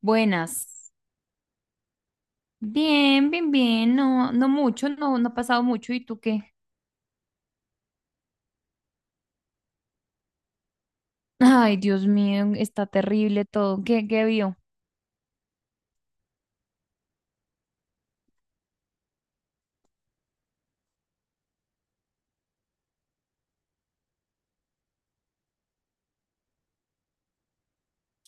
Buenas. Bien, bien, bien. No, no mucho, no, no ha pasado mucho. ¿Y tú qué? Ay, Dios mío, está terrible todo. ¿Qué vio?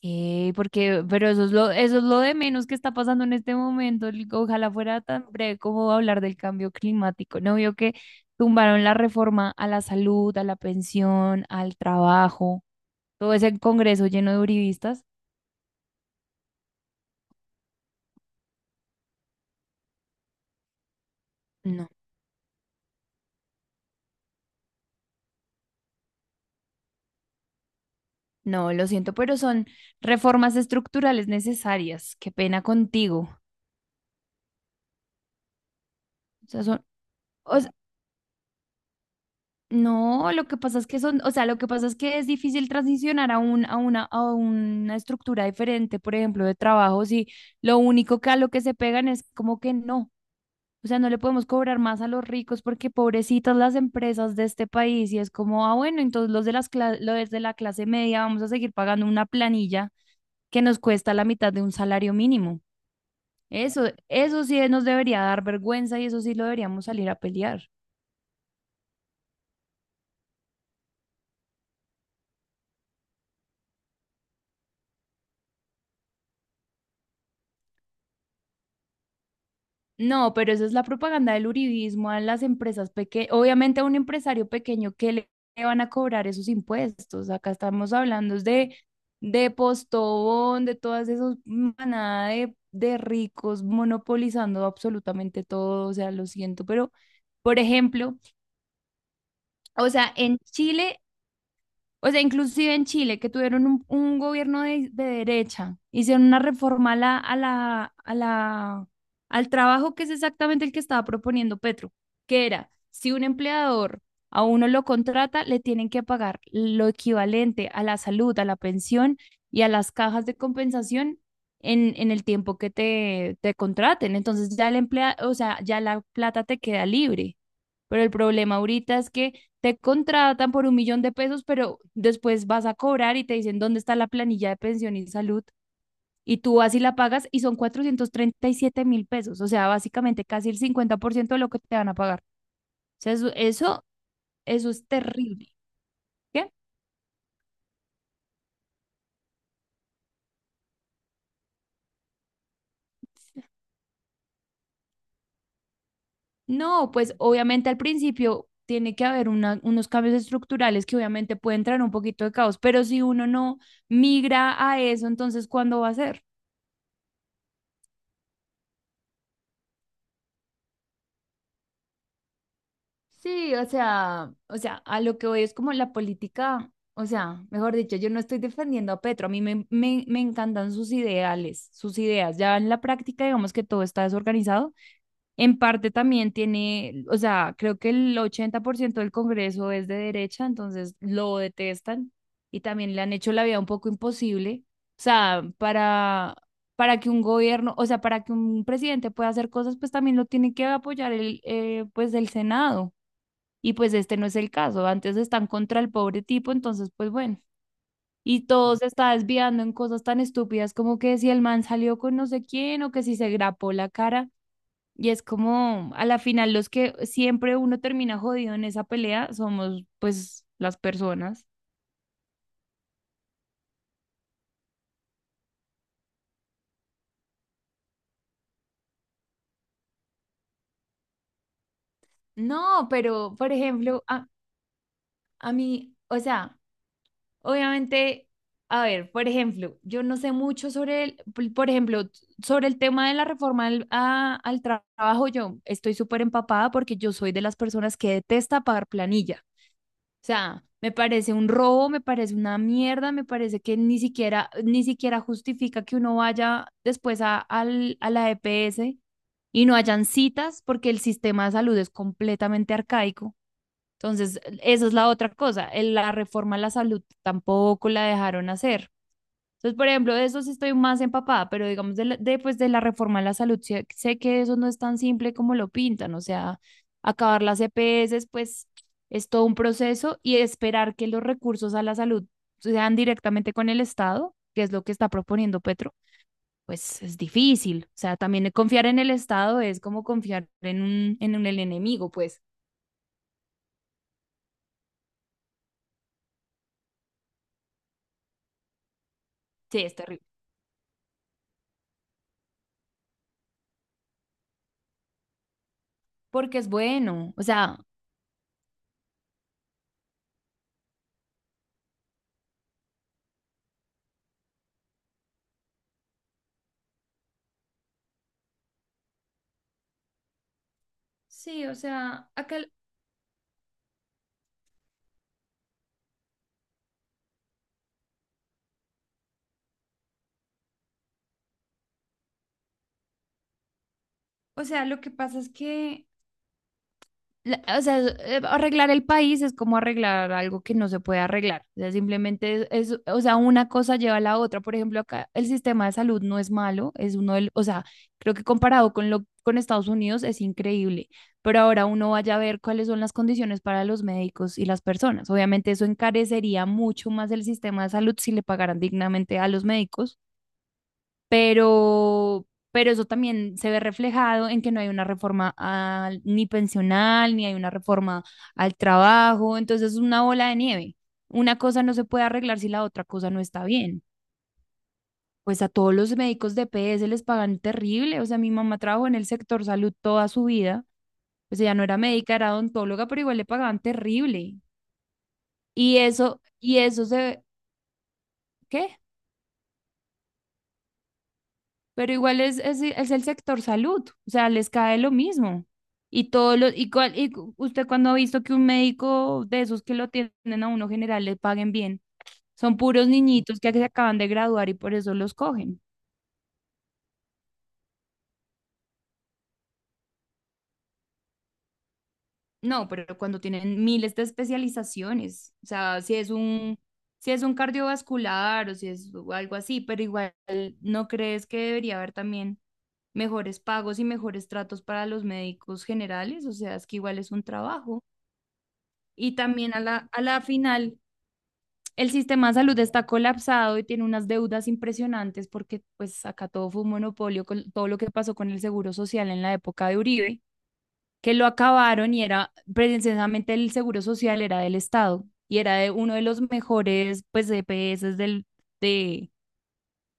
¿Qué? Porque, pero eso es lo de menos que está pasando en este momento. Ojalá fuera tan breve como hablar del cambio climático. ¿No vio que tumbaron la reforma a la salud, a la pensión, al trabajo? Todo ese congreso lleno de uribistas. No, no, lo siento, pero son reformas estructurales necesarias. Qué pena contigo. O s- no, lo que pasa es que son, o sea, lo que pasa es que es difícil transicionar a un, a una estructura diferente, por ejemplo, de trabajo, si lo único que a lo que se pegan es como que no. O sea, no le podemos cobrar más a los ricos porque pobrecitas las empresas de este país y es como, ah, bueno, entonces los de la clase media vamos a seguir pagando una planilla que nos cuesta la mitad de un salario mínimo. Eso sí nos debería dar vergüenza y eso sí lo deberíamos salir a pelear. No, pero eso es la propaganda del uribismo a las empresas pequeñas. Obviamente a un empresario pequeño, ¿que le van a cobrar esos impuestos? Acá estamos hablando de Postobón, de todas esas manadas de ricos monopolizando absolutamente todo. O sea, lo siento, pero, por ejemplo, o sea, en Chile o sea, inclusive en Chile, que tuvieron un gobierno de derecha, hicieron una reforma al trabajo que es exactamente el que estaba proponiendo Petro, que era, si un empleador a uno lo contrata, le tienen que pagar lo equivalente a la salud, a la pensión y a las cajas de compensación en el tiempo que te contraten. Entonces ya el emplea, o sea, ya la plata te queda libre. Pero el problema ahorita es que te contratan por 1.000.000 de pesos, pero después vas a cobrar y te dicen dónde está la planilla de pensión y salud. Y tú así la pagas y son 437.000 pesos, o sea, básicamente casi el 50% de lo que te van a pagar. O sea, eso, eso es terrible. ¿Qué? No, pues obviamente al principio tiene que haber unos cambios estructurales que obviamente pueden traer un poquito de caos, pero si uno no migra a eso, entonces ¿cuándo va a ser? Sí, o sea, a lo que voy es como la política, o sea, mejor dicho, yo no estoy defendiendo a Petro, a mí me encantan sus ideales, sus ideas, ya en la práctica digamos que todo está desorganizado, en parte también tiene, o sea, creo que el 80% del Congreso es de derecha, entonces lo detestan y también le han hecho la vida un poco imposible, o sea, para que un gobierno, o sea, para que un presidente pueda hacer cosas, pues también lo tiene que apoyar el, pues el Senado. Y pues este no es el caso, antes están contra el pobre tipo, entonces pues bueno. Y todo se está desviando en cosas tan estúpidas como que si el man salió con no sé quién o que si se grapó la cara. Y es como, a la final, los que siempre uno termina jodido en esa pelea somos pues las personas. No, pero por ejemplo, a mí, o sea, obviamente, a ver, por ejemplo, yo no sé mucho sobre el, por ejemplo, sobre el tema de la reforma al trabajo, yo estoy súper empapada porque yo soy de las personas que detesta pagar planilla. O sea, me parece un robo, me parece una mierda, me parece que ni siquiera justifica que uno vaya después a a la EPS y no hayan citas porque el sistema de salud es completamente arcaico. Entonces, esa es la otra cosa. La reforma a la salud tampoco la dejaron hacer. Entonces, por ejemplo, de eso sí estoy más empapada, pero digamos, pues, de la reforma a la salud, sé que eso no es tan simple como lo pintan. O sea, acabar las EPS, pues es todo un proceso y esperar que los recursos a la salud sean directamente con el Estado, que es lo que está proponiendo Petro, pues es difícil. O sea, también confiar en el Estado es como confiar en un, el enemigo, pues sí, es terrible. Porque es bueno, o sea, sí, o sea, acá, o sea, lo que pasa es que o sea, arreglar el país es como arreglar algo que no se puede arreglar, o sea, simplemente o sea, una cosa lleva a la otra, por ejemplo, acá el sistema de salud no es malo, es uno del, o sea, creo que comparado con Estados Unidos es increíble, pero ahora uno vaya a ver cuáles son las condiciones para los médicos y las personas. Obviamente eso encarecería mucho más el sistema de salud si le pagaran dignamente a los médicos pero, pero eso también se ve reflejado en que no hay una reforma al- ni pensional, ni hay una reforma al trabajo, entonces es una bola de nieve. Una cosa no se puede arreglar si la otra cosa no está bien. Pues a todos los médicos de PS les pagan terrible, o sea, mi mamá trabajó en el sector salud toda su vida, pues ella no era médica, era odontóloga, pero igual le pagaban terrible. Y eso, y eso se, ¿Qué? Pero igual es el sector salud, o sea, les cae lo mismo. Y todo lo, y, cuál- y cu- Usted cuando ha visto que un médico de esos que lo tienen a uno general le paguen bien, son puros niñitos que se acaban de graduar y por eso los cogen. No, pero cuando tienen miles de especializaciones, o sea, si es un cardiovascular o si es algo así, pero igual, ¿no crees que debería haber también mejores pagos y mejores tratos para los médicos generales? O sea, es que igual es un trabajo. Y también a la final, el sistema de salud está colapsado y tiene unas deudas impresionantes porque pues acá todo fue un monopolio con todo lo que pasó con el Seguro Social en la época de Uribe, que lo acabaron y era precisamente el Seguro Social era del Estado y era de uno de los mejores pues EPS de,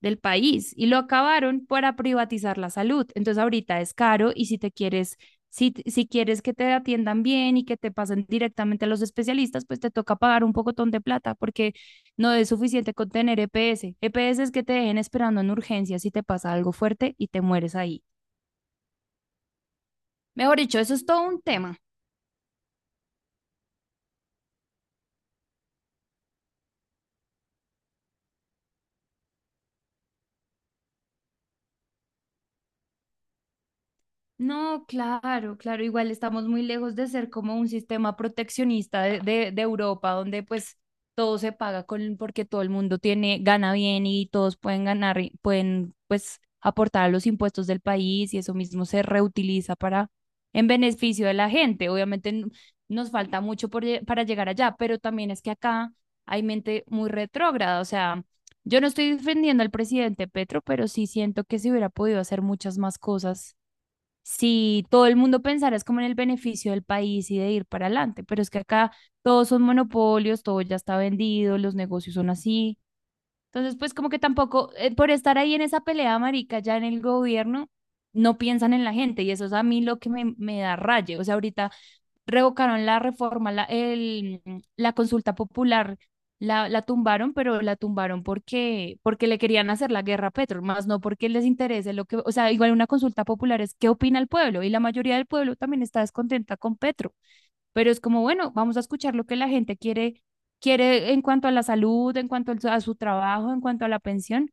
del país y lo acabaron para privatizar la salud. Entonces ahorita es caro y si te quieres, si quieres que te atiendan bien y que te pasen directamente a los especialistas, pues te toca pagar un pocotón de plata porque no es suficiente con tener EPS. EPS es que te dejen esperando en urgencias si te pasa algo fuerte y te mueres ahí. Mejor dicho, eso es todo un tema. No, claro, claro, igual estamos muy lejos de ser como un sistema proteccionista de Europa, donde pues todo se paga con, porque todo el mundo tiene, gana bien y todos pueden ganar, y pueden pues aportar a los impuestos del país y eso mismo se reutiliza para, en beneficio de la gente. Obviamente nos falta mucho para llegar allá, pero también es que acá hay mente muy retrógrada, o sea, yo no estoy defendiendo al presidente Petro, pero sí siento que se hubiera podido hacer muchas más cosas si todo el mundo pensara es como en el beneficio del país y de ir para adelante, pero es que acá todos son monopolios, todo ya está vendido, los negocios son así. Entonces, pues como que tampoco, por estar ahí en esa pelea, marica, ya en el gobierno, no piensan en la gente y eso es a mí lo que me da raye. O sea, ahorita revocaron la consulta popular, la tumbaron, pero la tumbaron porque, porque le querían hacer la guerra a Petro, más no porque les interese lo que, o sea, igual una consulta popular es qué opina el pueblo y la mayoría del pueblo también está descontenta con Petro, pero es como, bueno, vamos a escuchar lo que la gente quiere, quiere en cuanto a la salud, en cuanto a su trabajo, en cuanto a la pensión,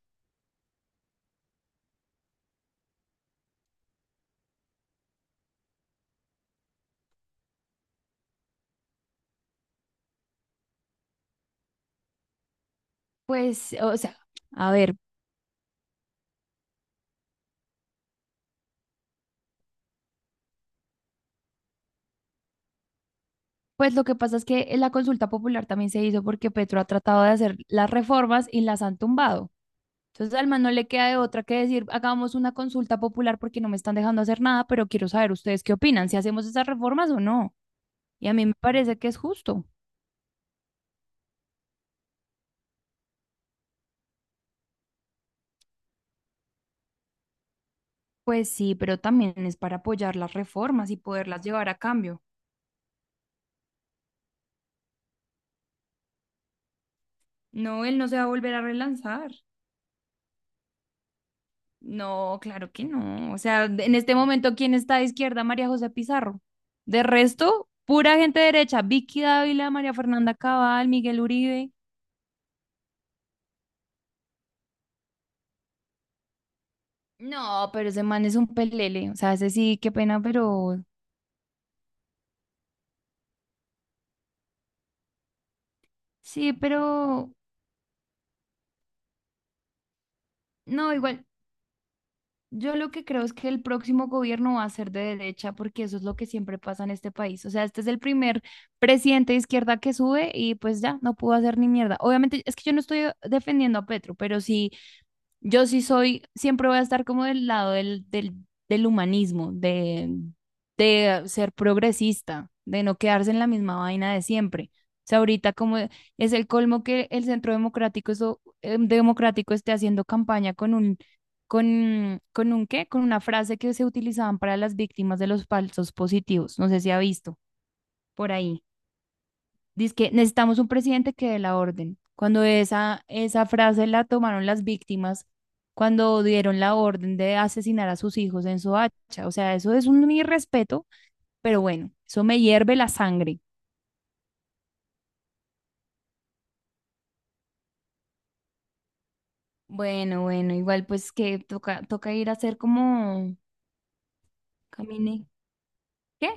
pues, o sea, a ver, pues lo que pasa es que la consulta popular también se hizo porque Petro ha tratado de hacer las reformas y las han tumbado. Entonces al man no le queda de otra que decir, hagamos una consulta popular porque no me están dejando hacer nada, pero quiero saber ustedes qué opinan, si hacemos esas reformas o no. Y a mí me parece que es justo. Pues sí, pero también es para apoyar las reformas y poderlas llevar a cambio. No, él no se va a volver a relanzar. No, claro que no. O sea, en este momento, ¿quién está de izquierda? María José Pizarro. De resto, pura gente derecha. Vicky Dávila, María Fernanda Cabal, Miguel Uribe. No, pero ese man es un pelele. O sea, ese sí, qué pena, pero sí, pero no, igual. Yo lo que creo es que el próximo gobierno va a ser de derecha porque eso es lo que siempre pasa en este país. O sea, este es el primer presidente de izquierda que sube y pues ya no pudo hacer ni mierda. Obviamente es que yo no estoy defendiendo a Petro, pero sí, yo sí soy, siempre voy a estar como del lado del, del humanismo, de ser progresista, de no quedarse en la misma vaina de siempre. O sea, ahorita como es el colmo que el Centro Democrático, eso, Democrático esté haciendo campaña con un qué, con una frase que se utilizaban para las víctimas de los falsos positivos. No sé si ha visto por ahí. Dice que necesitamos un presidente que dé la orden. Cuando esa frase la tomaron las víctimas, cuando dieron la orden de asesinar a sus hijos en Soacha. O sea, eso es un irrespeto, pero bueno, eso me hierve la sangre. Bueno, bueno, igual pues que toca, toca ir a hacer como camine. ¿Qué?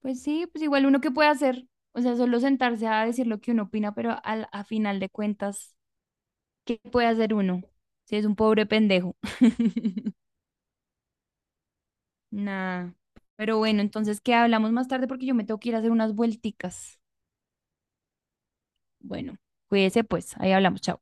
Pues sí, pues igual uno que puede hacer, o sea, solo sentarse a decir lo que uno opina, pero al, a final de cuentas, ¿qué puede hacer uno? Si es un pobre pendejo. Nada. Pero bueno, entonces, ¿qué hablamos más tarde? Porque yo me tengo que ir a hacer unas vuelticas. Bueno, cuídese pues, ahí hablamos, chao.